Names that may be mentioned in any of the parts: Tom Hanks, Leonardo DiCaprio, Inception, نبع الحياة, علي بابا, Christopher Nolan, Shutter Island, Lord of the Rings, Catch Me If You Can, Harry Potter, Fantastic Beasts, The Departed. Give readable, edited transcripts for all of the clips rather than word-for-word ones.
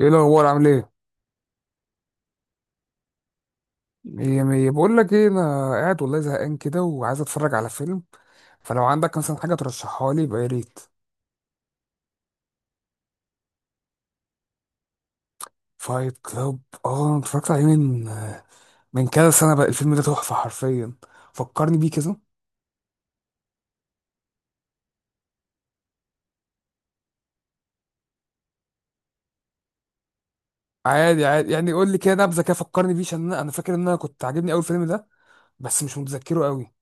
ايه الاخبار؟ عامل ايه؟ مية مية. بقول لك ايه، انا قاعد والله زهقان كده وعايز اتفرج على فيلم. فلو عندك مثلا حاجه ترشحها لي يبقى يا ريت. فايت كلاب. اه، انا اتفرجت عليه من كذا سنه. بقى الفيلم ده تحفه حرفيا. فكرني بيه كده. عادي عادي، يعني قول لي كده نبذه كده، فكرني بيه عشان أنا فاكر ان انا كنت عاجبني اول فيلم ده. بس مش متذكره قوي.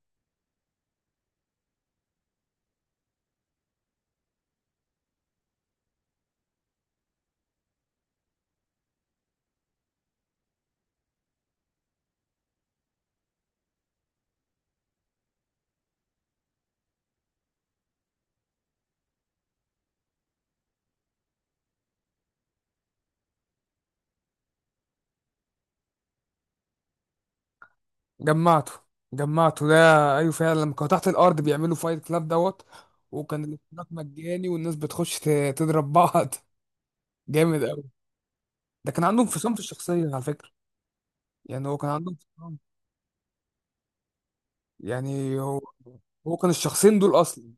جمعته، جمعته ده. ايوه، فعلا لما كانوا تحت الارض بيعملوا فايت كلاب دوت. وكان الاشتراك مجاني والناس بتخش تضرب بعض. جامد قوي. ده كان عندهم انفصام في الشخصية على فكرة. يعني هو كان عنده انفصام. يعني هو كان الشخصين دول أصلا.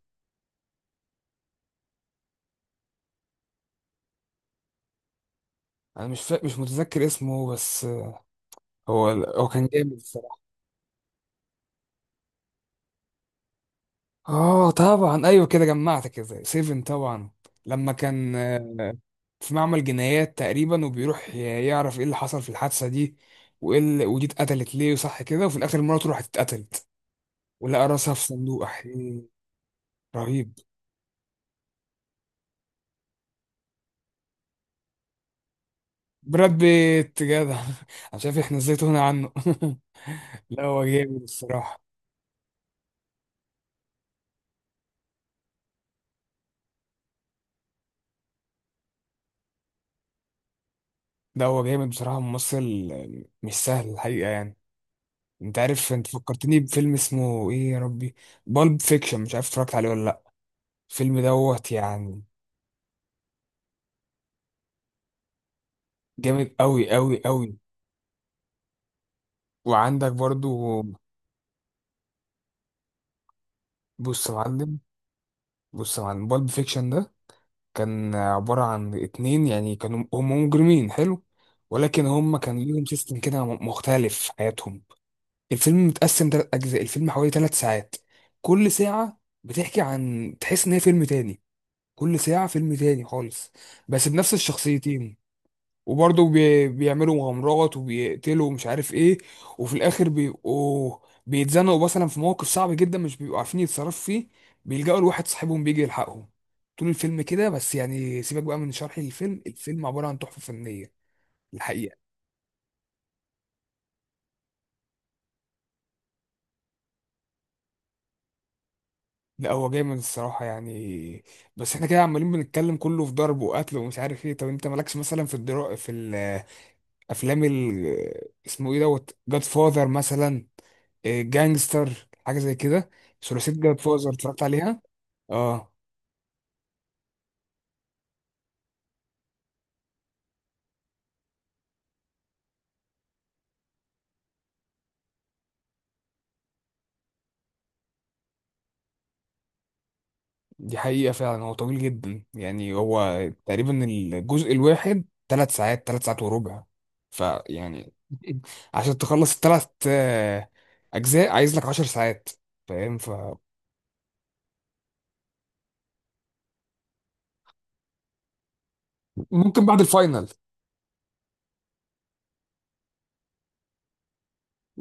أنا مش متذكر اسمه بس. هو كان جامد الصراحة. آه طبعا، أيوه كده جمعت، كده سيفن طبعا. لما كان في معمل جنايات تقريبا، وبيروح يعرف إيه اللي حصل في الحادثة دي. ودي اتقتلت ليه وصح كده، وفي الآخر مراته راحت اتقتلت. ولقى راسها في صندوق. أحيي، رهيب. براد بيت جدع. انا شايف احنا ازاي تهنا عنه. لا، هو جامد الصراحه. ده هو جامد بصراحه ممثل. مش سهل الحقيقه يعني. انت عارف، انت فكرتني بفيلم اسمه ايه يا ربي؟ بالب فيكشن، مش عارف اتفرجت عليه ولا لا. الفيلم دوت يعني. جامد قوي قوي قوي. وعندك برضو. بص يا معلم. بص يا معلم، بالب فيكشن ده كان عباره عن اتنين، يعني كانوا هم مجرمين حلو. ولكن هم كان ليهم سيستم كده مختلف في حياتهم. الفيلم متقسم 3 أجزاء. الفيلم حوالي 3 ساعات. كل ساعة بتحكي، عن تحس إن هي فيلم تاني. كل ساعة فيلم تاني خالص. بس بنفس الشخصيتين. وبرضه بيعملوا مغامرات وبيقتلوا ومش عارف إيه. وفي الآخر بيبقوا بيتزنقوا مثلا في موقف صعب جدا، مش بيبقوا عارفين يتصرفوا فيه. بيلجأوا لواحد صاحبهم بيجي يلحقهم. طول الفيلم كده، بس يعني سيبك بقى من شرح الفيلم. الفيلم عبارة عن تحفة فنية الحقيقة. لا، هو جامد الصراحة يعني. بس احنا كده عمالين بنتكلم كله في ضرب وقتل ومش عارف ايه. طب انت مالكش مثلا في الافلام اسمه ايه دوت، جاد فاذر مثلا، جانجستر حاجة زي كده. ثلاثية جاد فاذر اتفرجت عليها؟ اه. دي حقيقة، فعلا هو طويل جدا، يعني هو تقريبا الجزء الواحد 3 ساعات، 3 ساعات وربع. فيعني عشان تخلص الـ3 اجزاء عايز لك 10 ساعات. فاهم، فممكن بعد الفاينل.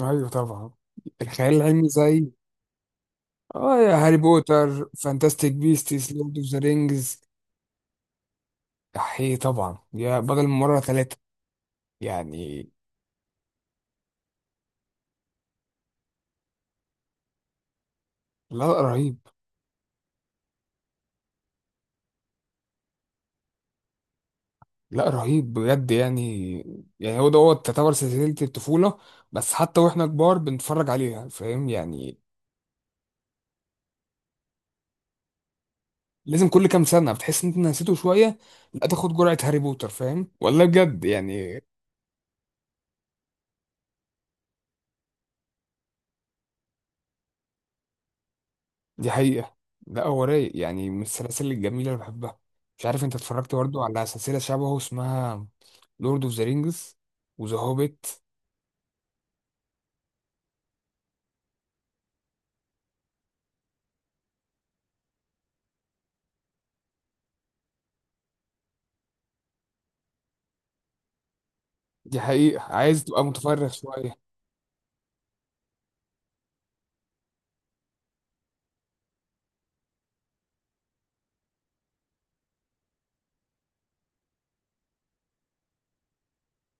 ايوه طبعا. الخيال العلمي زي اه يا هاري بوتر، فانتاستيك بيستس، لورد اوف ذا رينجز. احيه طبعا، يا بدل من مره ثلاثه يعني. لا، رهيب. لا، رهيب بجد يعني. يعني هو دوت تعتبر سلسله الطفوله. بس حتى واحنا كبار بنتفرج عليها، فاهم يعني. لازم كل كام سنه بتحس ان انت نسيته شويه. لا، تاخد جرعه هاري بوتر، فاهم والله بجد يعني. دي حقيقة. لا، هو رايق يعني، من السلاسل الجميلة اللي بحبها. مش عارف انت اتفرجت برضه على سلسلة شبهه اسمها لورد اوف ذا رينجز وذا هوبيت؟ دي حقيقة، عايز تبقى متفرغ شوية.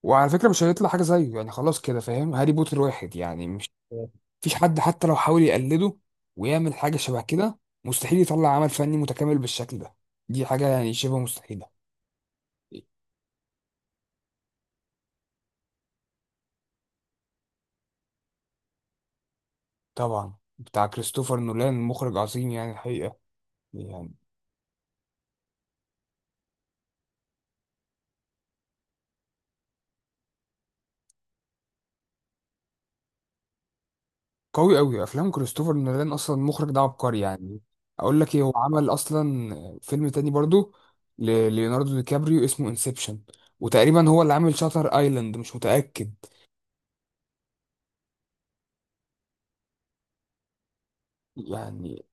وعلى فكرة مش هيطلع حاجة زيه يعني، خلاص كده فاهم، هاري بوتر واحد يعني، مش مفيش حد حتى لو حاول يقلده ويعمل حاجة شبه كده، مستحيل يطلع عمل فني متكامل بالشكل ده. دي حاجة يعني شبه مستحيلة. طبعا، بتاع كريستوفر نولان، مخرج عظيم يعني الحقيقة. قوي قوي. افلام كريستوفر نولان اصلا، المخرج ده عبقري يعني. اقول لك ايه، هو عمل اصلا فيلم تاني برضو لليوناردو دي كابريو اسمه انسبشن. وتقريبا هو اللي عامل شاتر ايلاند، مش متاكد. يعني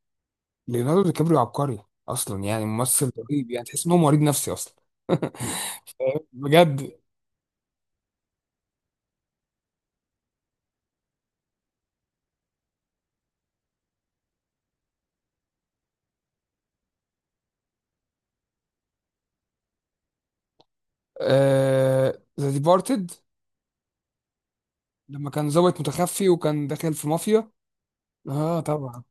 ليوناردو دي كابريو عبقري اصلا، يعني ممثل رهيب، يعني تحس ان هو مريض نفسي اصلا. بجد. آه، ذا ديبارتد. لما كان ظابط متخفي وكان داخل في مافيا. اه طبعا.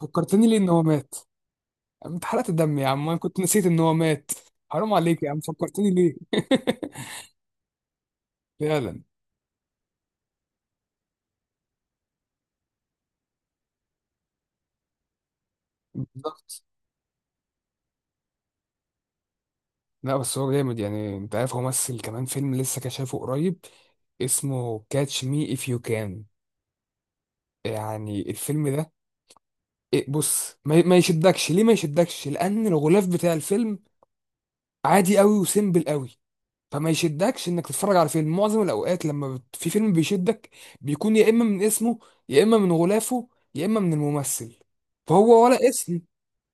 فكرتني ليه ان هو مات؟ انت حرقت الدم يا عم، انا كنت نسيت ان هو مات. حرام عليك يا عم، فكرتني ليه. فعلا، بالظبط. لا، بس هو جامد يعني. انت عارف، هو مثل كمان فيلم لسه كشافه قريب اسمه كاتش مي اف يو كان. يعني الفيلم ده، إيه، بص ما يشدكش ليه، ما يشدكش لان الغلاف بتاع الفيلم عادي قوي وسيمبل قوي. فما يشدكش انك تتفرج على فيلم. معظم الاوقات لما في فيلم بيشدك، بيكون يا اما من اسمه، يا اما من غلافه، يا اما من الممثل. فهو ولا اسم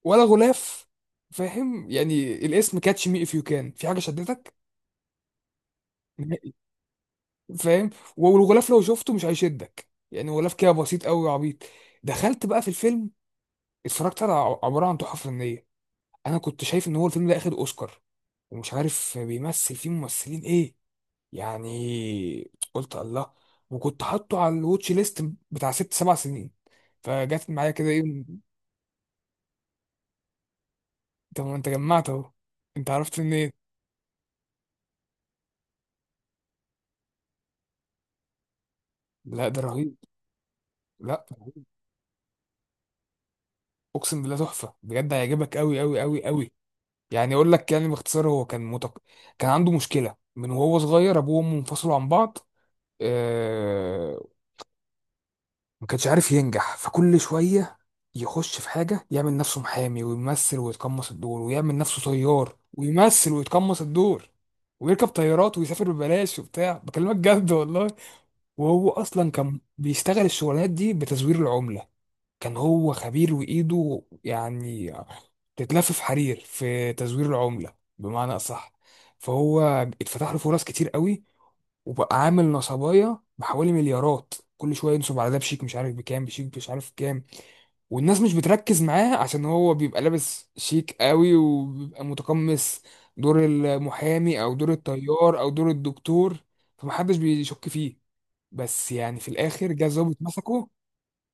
ولا غلاف. فاهم يعني، الاسم كاتش مي اف يو كان في حاجه شدتك نهائي؟ فاهم. والغلاف لو شفته مش هيشدك، يعني غلاف كده بسيط قوي وعبيط. دخلت بقى في الفيلم، اتفرجت على عباره عن تحفه فنيه. انا كنت شايف ان هو الفيلم ده اخد اوسكار، ومش عارف بيمثل فيه ممثلين ايه. يعني قلت الله. وكنت حاطه على الواتش ليست بتاع 6 7 سنين، فجت معايا كده ايه. طب ما انت جمعت اهو، انت عرفت منين؟ لا، ده رهيب. لا، اقسم بالله تحفه بجد، هيعجبك قوي قوي قوي قوي. يعني اقول لك يعني باختصار، هو كان عنده مشكله من وهو صغير، ابوه وامه انفصلوا عن بعض. آه... ما كانش عارف ينجح، فكل شويه يخش في حاجه، يعمل نفسه محامي ويمثل ويتقمص الدور، ويعمل نفسه طيار ويمثل ويتقمص الدور، ويركب طيارات ويسافر ببلاش وبتاع، بكلمك جد والله. وهو اصلا كان بيشتغل الشغلانات دي بتزوير العمله. كان هو خبير، وإيده يعني تتلف في حرير، في تزوير العملة بمعنى أصح. فهو اتفتح له فرص كتير قوي، وبقى عامل نصبايا بحوالي مليارات، كل شويه ينصب على ده بشيك مش عارف بكام، بشيك مش عارف كام. والناس مش بتركز معاه عشان هو بيبقى لابس شيك قوي وبيبقى متقمص دور المحامي او دور الطيار او دور الدكتور. فمحدش بيشك فيه. بس يعني في الاخر جه ظابط مسكه،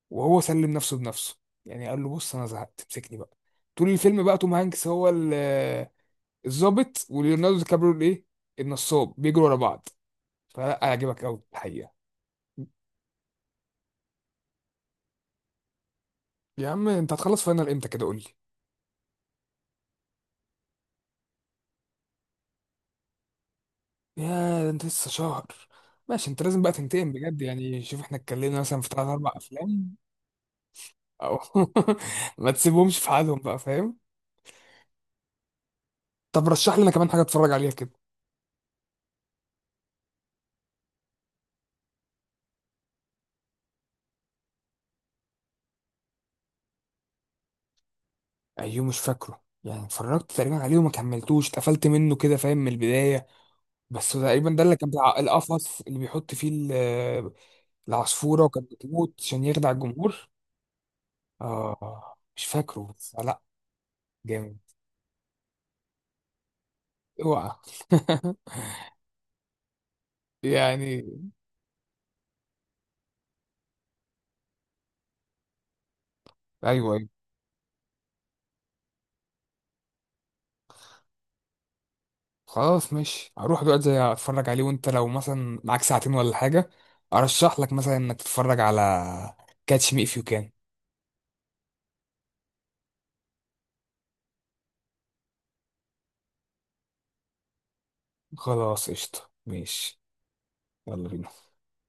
وهو سلم نفسه بنفسه. يعني قال له، بص انا زهقت امسكني بقى. طول الفيلم بقى توم هانكس هو الظابط، وليوناردو دي كابريو الايه النصاب، بيجروا ورا بعض. فلا هيعجبك قوي الحقيقه. يا عم انت هتخلص فاينل امتى كده، قول لي. يا، ده انت لسه شهر! ماشي، انت لازم بقى تنتقم بجد يعني، شوف احنا اتكلمنا مثلا في 3 4 افلام او. ما تسيبهمش في حالهم بقى، فاهم. طب رشح لنا كمان حاجه اتفرج عليها كده. ايوه مش فاكره يعني، اتفرجت تقريبا عليه وما كملتوش، اتقفلت منه كده، فاهم، من البدايه. بس تقريبا ده اللي كان بتاع القفص اللي بيحط فيه العصفورة، وكانت بتموت عشان يخدع الجمهور. اه مش فاكره بس، لا جامد. اوعى! يعني. ايوه، ايوه. خلاص ماشي، هروح دلوقتي زي اتفرج عليه. وانت لو مثلا معاك ساعتين ولا حاجة، ارشح لك مثلا انك تتفرج على كاتش مي اف يو كان. خلاص قشطة ماشي. يلا بينا.